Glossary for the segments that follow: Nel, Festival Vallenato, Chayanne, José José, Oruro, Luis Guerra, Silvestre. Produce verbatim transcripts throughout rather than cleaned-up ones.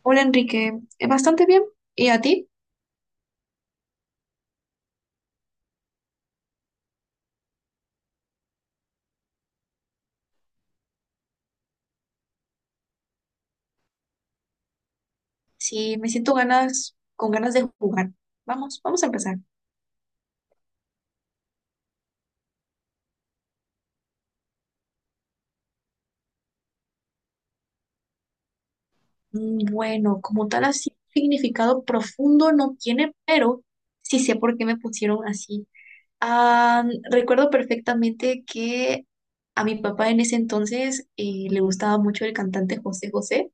Hola Enrique, Eh, bastante bien. ¿Y a ti? Sí, me siento ganas, con ganas de jugar. Vamos, vamos a empezar. Mm, Bueno, como tal así, significado profundo no tiene, pero sí sé por qué me pusieron así. Ah, recuerdo perfectamente que a mi papá en ese entonces eh, le gustaba mucho el cantante José José.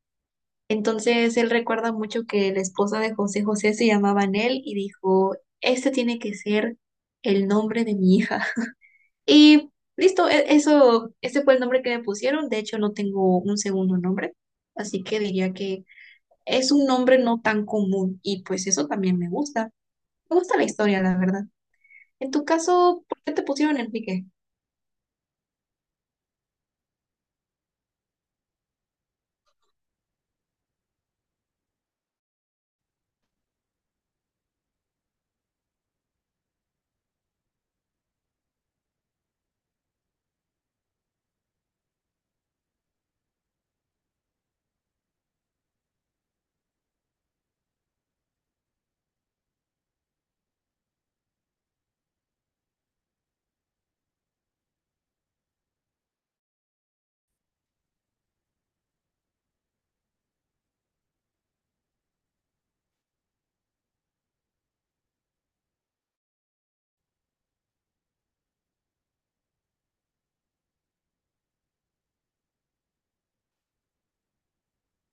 Entonces él recuerda mucho que la esposa de José José se llamaba Nel y dijo, este tiene que ser el nombre de mi hija. Y listo, e- eso, ese fue el nombre que me pusieron. De hecho, no tengo un segundo nombre, así que diría que es un nombre no tan común y pues eso también me gusta. Me gusta la historia, la verdad. En tu caso, ¿por qué te pusieron Enrique?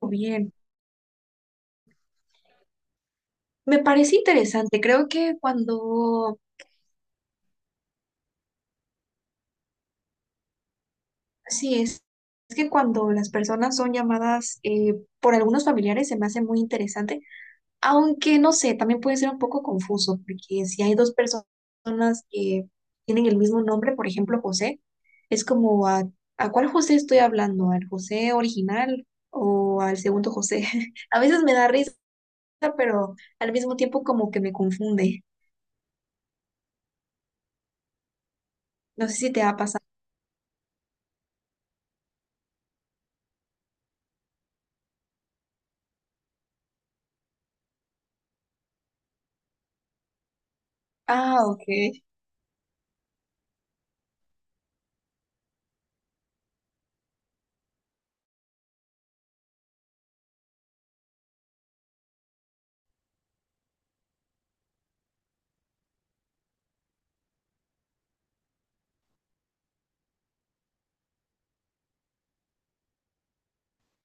Oh, bien, me parece interesante. Creo que cuando, sí, es, es que cuando las personas son llamadas eh, por algunos familiares se me hace muy interesante. Aunque no sé, también puede ser un poco confuso, porque si hay dos personas que tienen el mismo nombre, por ejemplo, José, es como a, ¿a cuál José estoy hablando? ¿Al José original o al segundo José? A veces me da risa, pero al mismo tiempo como que me confunde. No sé si te ha pasado. Ah, ok.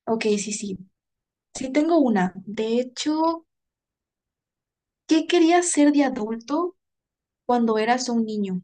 Ok, sí, sí. Sí, tengo una. De hecho, ¿qué querías ser de adulto cuando eras un niño?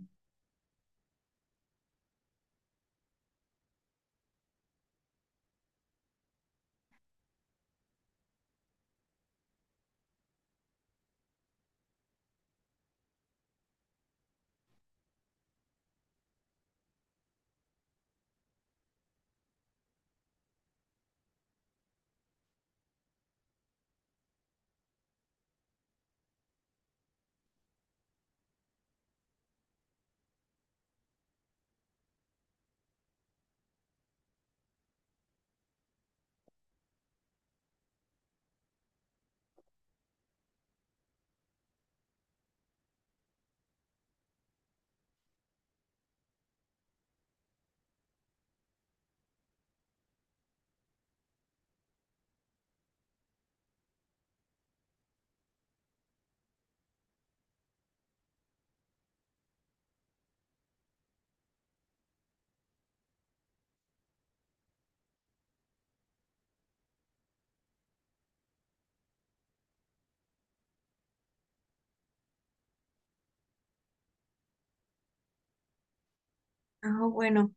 Ah, bueno.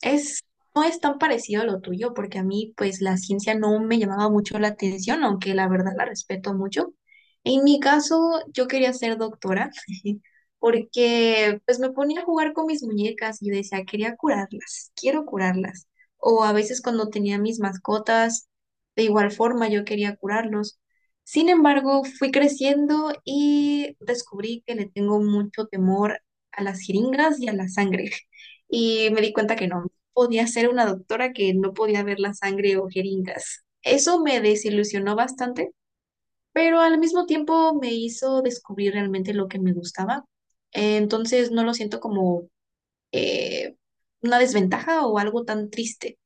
Es, no es tan parecido a lo tuyo, porque a mí, pues, la ciencia no me llamaba mucho la atención, aunque la verdad la respeto mucho. En mi caso, yo quería ser doctora, porque, pues, me ponía a jugar con mis muñecas y yo decía, quería curarlas, quiero curarlas. O a veces cuando tenía mis mascotas, de igual forma, yo quería curarlos. Sin embargo, fui creciendo y descubrí que le tengo mucho temor a las jeringas y a la sangre. Y me di cuenta que no podía ser una doctora que no podía ver la sangre o jeringas. Eso me desilusionó bastante, pero al mismo tiempo me hizo descubrir realmente lo que me gustaba. Eh, Entonces no lo siento como eh, una desventaja o algo tan triste.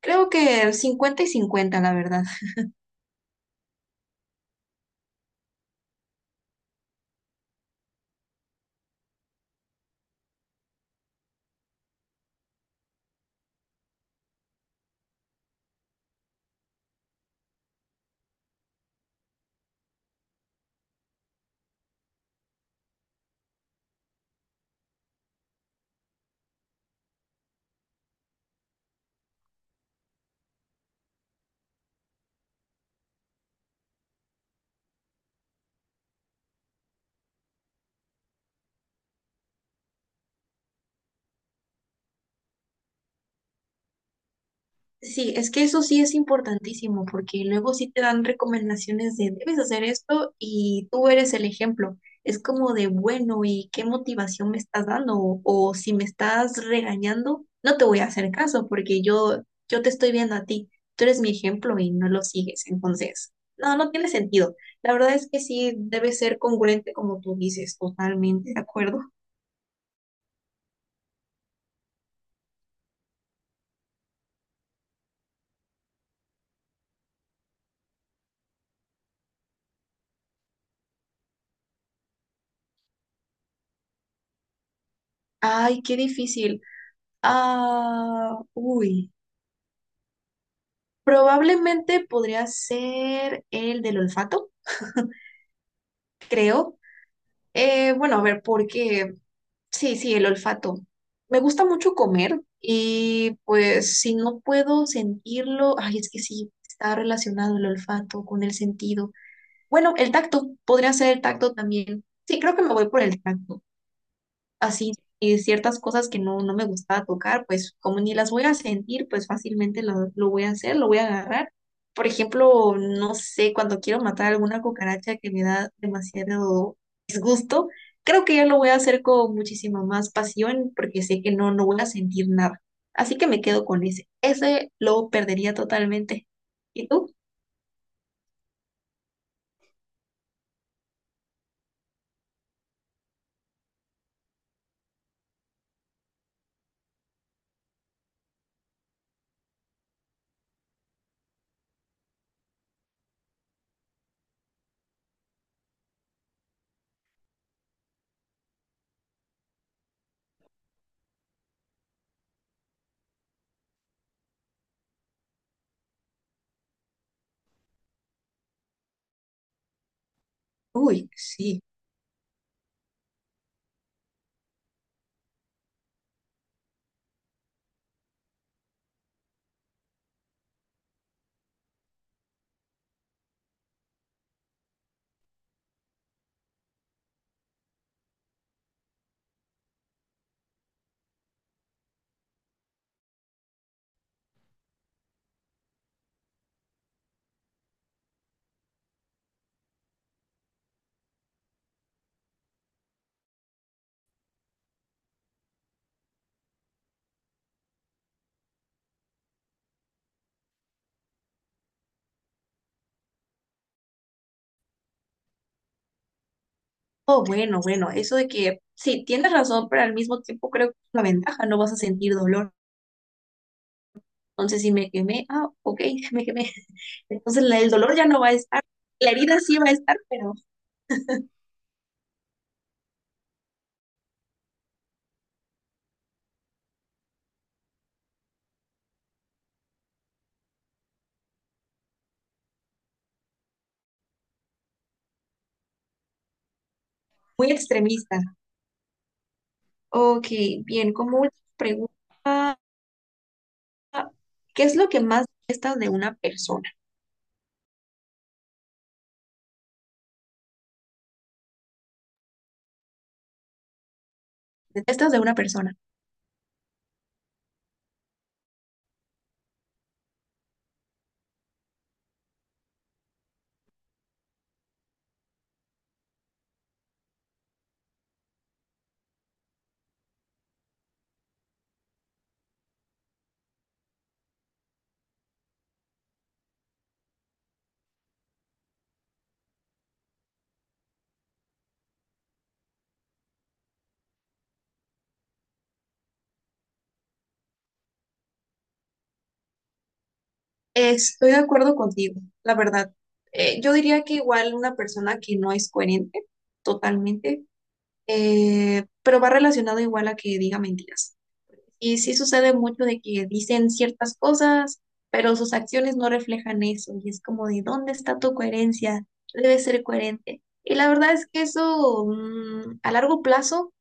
Creo que cincuenta y cincuenta, la verdad. Sí, es que eso sí es importantísimo, porque luego sí te dan recomendaciones de debes hacer esto y tú eres el ejemplo. Es como de bueno, ¿y qué motivación me estás dando? O, o si me estás regañando, no te voy a hacer caso, porque yo, yo te estoy viendo a ti. Tú eres mi ejemplo y no lo sigues. Entonces, no, no tiene sentido. La verdad es que sí debe ser congruente como tú dices, totalmente de acuerdo. Ay, qué difícil. Ah, uy. Probablemente podría ser el del olfato, creo. Eh, bueno, a ver, porque sí, sí, el olfato. Me gusta mucho comer y pues si no puedo sentirlo, ay, es que sí, está relacionado el olfato con el sentido. Bueno, el tacto, podría ser el tacto también. Sí, creo que me voy por el tacto. Así y ciertas cosas que no, no me gustaba tocar, pues como ni las voy a sentir, pues fácilmente lo, lo voy a hacer, lo voy a agarrar. Por ejemplo, no sé, cuando quiero matar alguna cucaracha que me da demasiado disgusto, creo que ya lo voy a hacer con muchísima más pasión porque sé que no, no voy a sentir nada. Así que me quedo con ese. Ese lo perdería totalmente. ¿Y tú? Uy, sí. Oh, bueno, bueno, eso de que sí, tienes razón, pero al mismo tiempo creo que es una ventaja, no vas a sentir dolor. Entonces, si me quemé, ah, ok, me quemé. Entonces, la- el dolor ya no va a estar. La herida sí va a estar, pero muy extremista. Ok, bien, como última pregunta, ¿qué es lo que más detestas de una persona? ¿Detestas de una persona? Estoy de acuerdo contigo, la verdad. Eh, yo diría que igual una persona que no es coherente, totalmente, eh, pero va relacionado igual a que diga mentiras. Y sí sucede mucho de que dicen ciertas cosas, pero sus acciones no reflejan eso. Y es como de, ¿dónde está tu coherencia? Debe ser coherente. Y la verdad es que eso mm, a largo plazo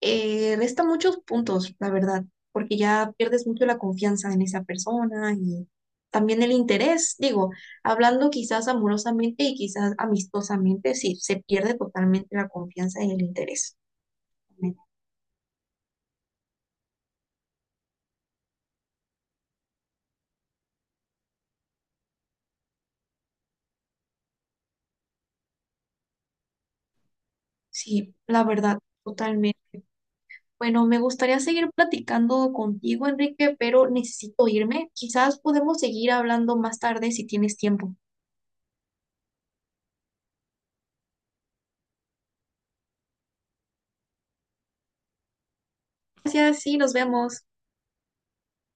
eh, resta muchos puntos, la verdad, porque ya pierdes mucho la confianza en esa persona y también el interés. Digo, hablando quizás amorosamente y quizás amistosamente, sí, se pierde totalmente la confianza y el interés. Sí, la verdad, totalmente. Bueno, me gustaría seguir platicando contigo, Enrique, pero necesito irme. Quizás podemos seguir hablando más tarde si tienes tiempo. Gracias, sí, nos vemos.